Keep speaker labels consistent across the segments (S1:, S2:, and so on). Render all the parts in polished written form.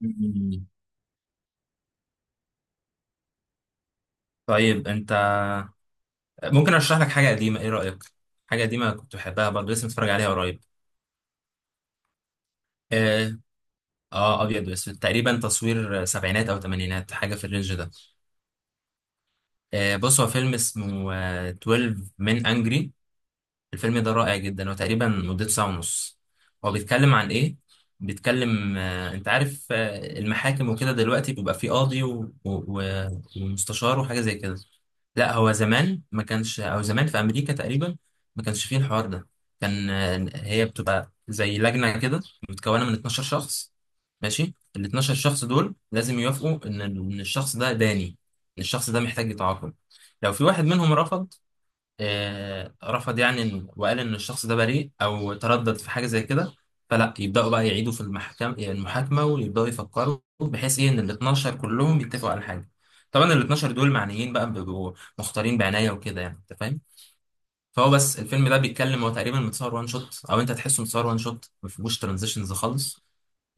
S1: مم. طيب، انت، ممكن ارشح لك حاجه قديمه؟ ايه رايك؟ حاجه قديمه كنت بحبها برضه، لسه متفرج عليها قريب. اه, ابيض واسود، تقريبا تصوير سبعينات او ثمانينات، حاجه في الرينج ده. بص، هو فيلم اسمه 12 من انجري. الفيلم ده رائع جدا، هو تقريبا مدته ساعه ونص. هو بيتكلم عن ايه؟ بيتكلم، انت عارف، المحاكم وكده، دلوقتي بيبقى في قاضي و ومستشار وحاجه زي كده. لا، هو زمان ما كانش، او زمان في امريكا تقريبا ما كانش فيه الحوار ده. كان هي بتبقى زي لجنه كده، متكونه من 12 شخص. ماشي، ال 12 شخص دول لازم يوافقوا ان الشخص ده داني، ان الشخص ده محتاج يتعاقب. لو في واحد منهم رفض، رفض يعني، وقال ان الشخص ده بريء او تردد في حاجه زي كده، فلا يبداوا بقى يعيدوا في المحكمه، يعني المحاكمه، ويبداوا يفكروا بحيث ايه ان ال 12 كلهم يتفقوا على حاجه. طبعا ال 12 دول معنيين بقى، بيبقوا مختارين بعنايه وكده، يعني انت فاهم. فهو، بس الفيلم ده بيتكلم، هو تقريبا متصور وان شوت، او انت تحسه متصور وان شوت، ما فيهوش ترانزيشنز خالص.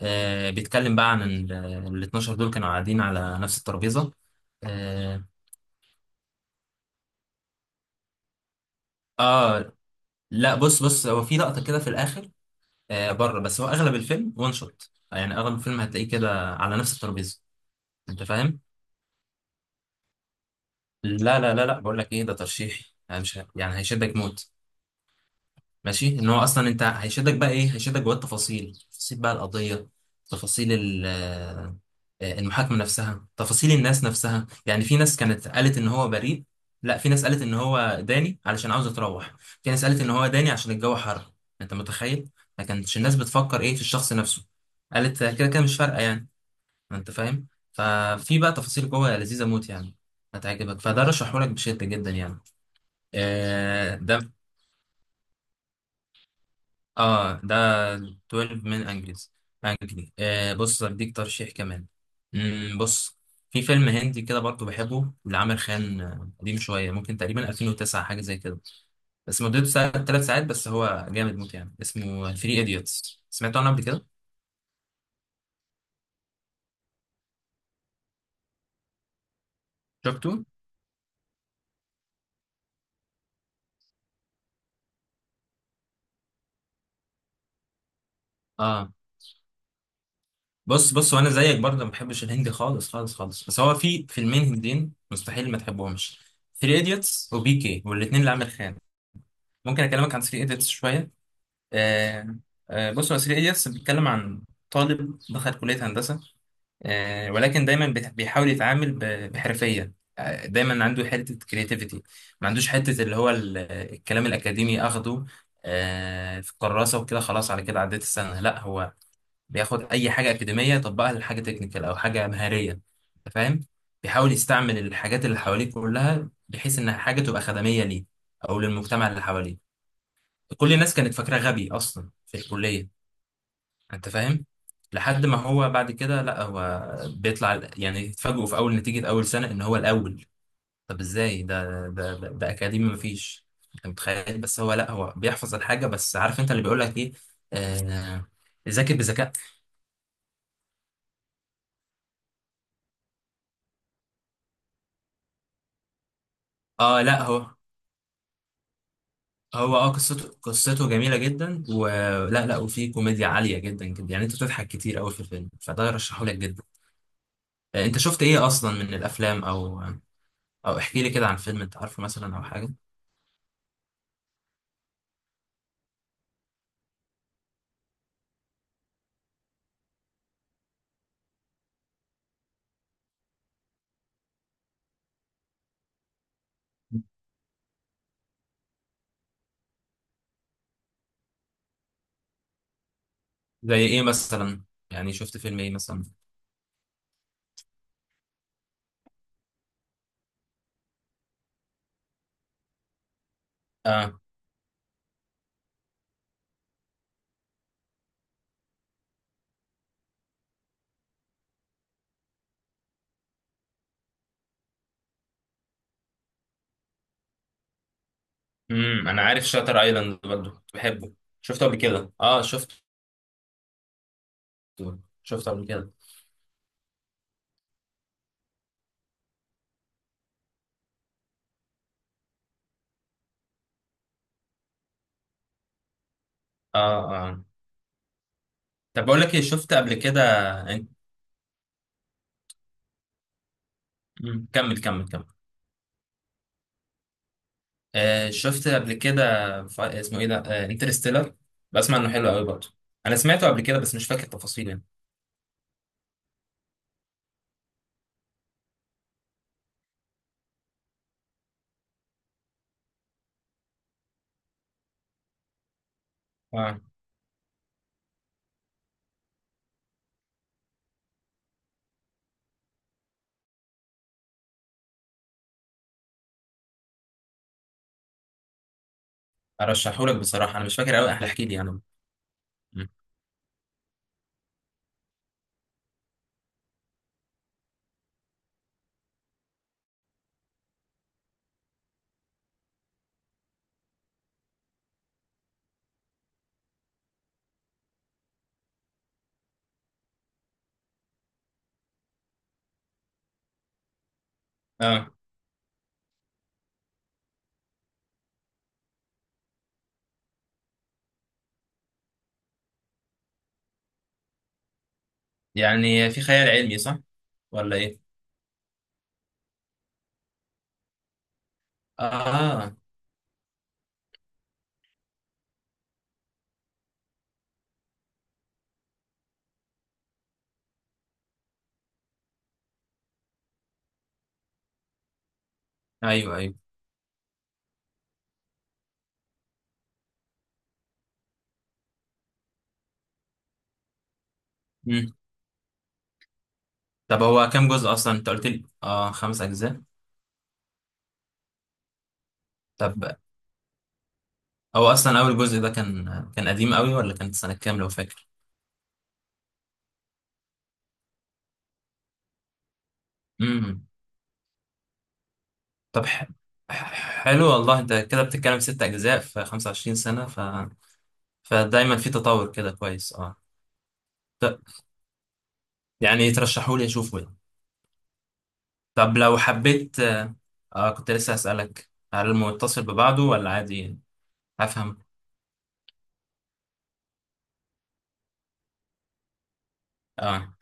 S1: بيتكلم بقى عن ال 12 دول، كانوا قاعدين على نفس الترابيزه. آه, اه لا، بص بص، هو في لقطه كده في الاخر، بره، بس هو اغلب الفيلم وان شوت، يعني اغلب الفيلم هتلاقيه كده على نفس الترابيزه، انت فاهم. لا لا لا لا، بقول لك ايه، ده ترشيحي يعني، مش يعني هيشدك موت، ماشي؟ ان هو اصلا، انت هيشدك بقى ايه؟ هيشدك جوه التفاصيل، تفاصيل بقى القضيه، تفاصيل المحاكمه نفسها، تفاصيل الناس نفسها. يعني في ناس كانت قالت ان هو بريء، لا في ناس قالت ان هو داني علشان عاوز يتروح، في ناس قالت ان هو داني عشان الجو حر. انت متخيل؟ ما كانتش الناس بتفكر ايه في الشخص نفسه، قالت كده كده مش فارقه، يعني انت فاهم. ففي بقى تفاصيل جوه لذيذه موت يعني، هتعجبك، فده رشحهولك بشده جدا يعني. آه ده اه ده 12 من انجليز، انجلي آه بص، هديك ترشيح كمان. بص، في فيلم هندي كده برضه بحبه لعامر خان، قديم شويه، ممكن تقريبا 2009، حاجه زي كده. بس مدته ساعة، 3 ساعات، بس هو جامد موت يعني، اسمه ثري ايديوتس. سمعت عنه قبل كده؟ شفته؟ اه بص بص، وانا زيك برضه ما بحبش الهندي خالص خالص خالص، بس هو في فيلمين هنديين مستحيل ما تحبهمش: 3 ايديتس وبي كي، والاثنين لعامر خان. ممكن اكلمك عن 3 ايديتس شويه؟ آه بص، هو 3 ايديتس بيتكلم عن طالب دخل كليه هندسه، ولكن دايما بيحاول يتعامل بحرفيه. دايما عنده حته كرياتيفيتي، ما عندوش حته اللي هو الكلام الاكاديمي اخده في الكراسه وكده. خلاص، على كده عديت السنه، لا هو بياخد اي حاجه اكاديميه يطبقها لحاجه تكنيكال او حاجه مهاريه، انت فاهم. بيحاول يستعمل الحاجات اللي حواليه كلها بحيث ان حاجه تبقى خدميه ليه، او للمجتمع اللي حواليه. كل الناس كانت فاكراه غبي اصلا في الكليه، انت فاهم. لحد ما هو بعد كده، لا هو بيطلع، يعني اتفاجئوا في اول نتيجه اول سنه ان هو الاول. طب ازاي ده؟ ده اكاديمي مفيش، انت متخيل. بس هو لا هو بيحفظ الحاجه، بس عارف انت اللي بيقول لك ايه، آه ذاكر بذكاء. اه لا هو، هو قصته، قصته جميلة جدا، ولا لا، وفيه كوميديا عالية جدا جدا يعني، انت بتضحك كتير قوي في الفيلم، فده رشحه لك جدا. انت شفت ايه اصلا من الافلام، او او احكي لي كده عن فيلم انت عارفه مثلا، او حاجة. زي ايه مثلا؟ يعني شفت فيلم ايه مثلا؟ اه انا عارف شاتر ايلاند، برضه كنت بحبه، شفته قبل كده، اه شفته، شفته قبل كده. اه اه طب بقول لك ايه، شفت قبل كده انت؟ كمل كمل كمل، شفت قبل كده، اسمه ايه ده، انترستيلر، بسمع انه حلو قوي برضه، انا سمعته قبل كده بس مش فاكر تفاصيل يعني. اه ارشحه لك بصراحه، انا مش فاكر قوي، احكي لي انا. مم. اه يعني في خيال علمي، صح ولا ايه؟ اه. ايوه ايوه. مم. طب هو كام جزء اصلا، انت قلت لي اه 5 اجزاء؟ طب هو اصلا اول جزء ده كان، كان قديم قوي ولا كانت سنه كام لو فاكر؟ امم. طب حلو والله، انت كده بتتكلم 6 اجزاء في 25 سنه، ف فدايما في تطور كده، كويس اه. ط- يعني ترشحولي اشوفه يعني؟ طب لو حبيت كنت لسه هسألك، هل المتصل ببعضه ولا عادي؟ هفهم اه.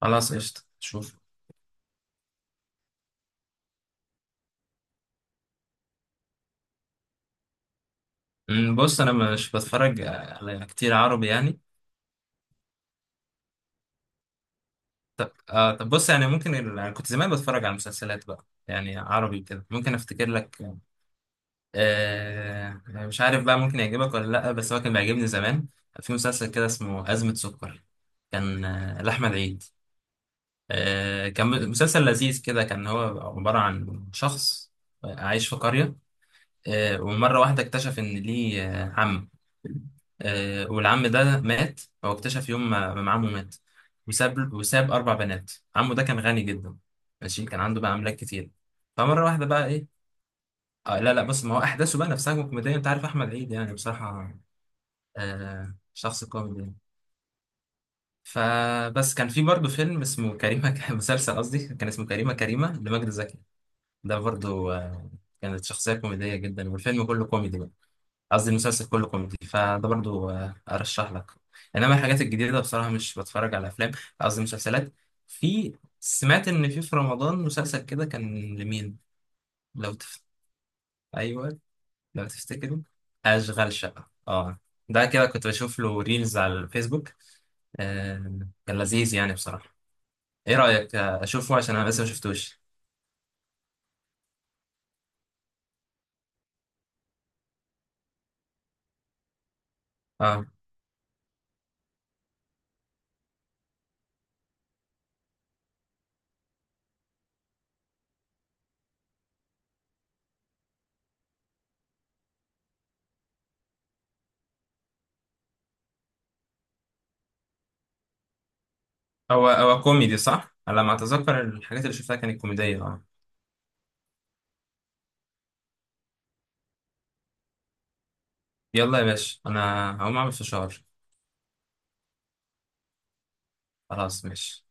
S1: خلاص قشطة، شوف. بص، انا مش بتفرج على كتير عربي يعني. طب طب بص، يعني ممكن أنا كنت زمان بتفرج على مسلسلات بقى، يعني عربي كده، ممكن افتكر لك. مش عارف بقى ممكن يعجبك ولا لا، بس هو كان بيعجبني زمان. في مسلسل كده اسمه أزمة سكر، كان لأحمد عيد، كان مسلسل لذيذ كده. كان هو عبارة عن شخص عايش في قرية، ومرة واحدة اكتشف إن ليه عم، والعم ده مات. هو اكتشف يوم ما عمه مات، وساب وساب 4 بنات. عمه ده كان غني جدا، ماشي، كان عنده بقى أملاك كتير. فمرة واحدة بقى إيه، لا لا، بس ما هو أحداثه بقى نفسها كوميدية، أنت عارف أحمد عيد يعني بصراحة، شخص كوميدي يعني. فبس كان في برضه فيلم اسمه كريمة مسلسل قصدي، كان اسمه كريمة، كريمة لمجد زكي. ده برضو كانت شخصية كوميدية جدا، والفيلم كله كوميدي بقى، قصدي المسلسل كله كوميدي، فده برضو أرشح لك. إنما الحاجات الجديدة بصراحة مش بتفرج على أفلام، قصدي مسلسلات. في سمعت إن في رمضان مسلسل كده، كان لمين لو تف... أيوه، لو تفتكروا؟ أشغال شقة، أه ده، كده كنت بشوف له ريلز على الفيسبوك، آه، كان لذيذ يعني بصراحة. إيه رأيك أشوفه عشان أنا لسه ما شفتوش؟ أه. هو هو كوميدي صح؟ على ما أتذكر الحاجات اللي شفتها كانت كوميدية، اه. يلا يا باشا، أنا هقوم أعمل فشار. خلاص، ماشي.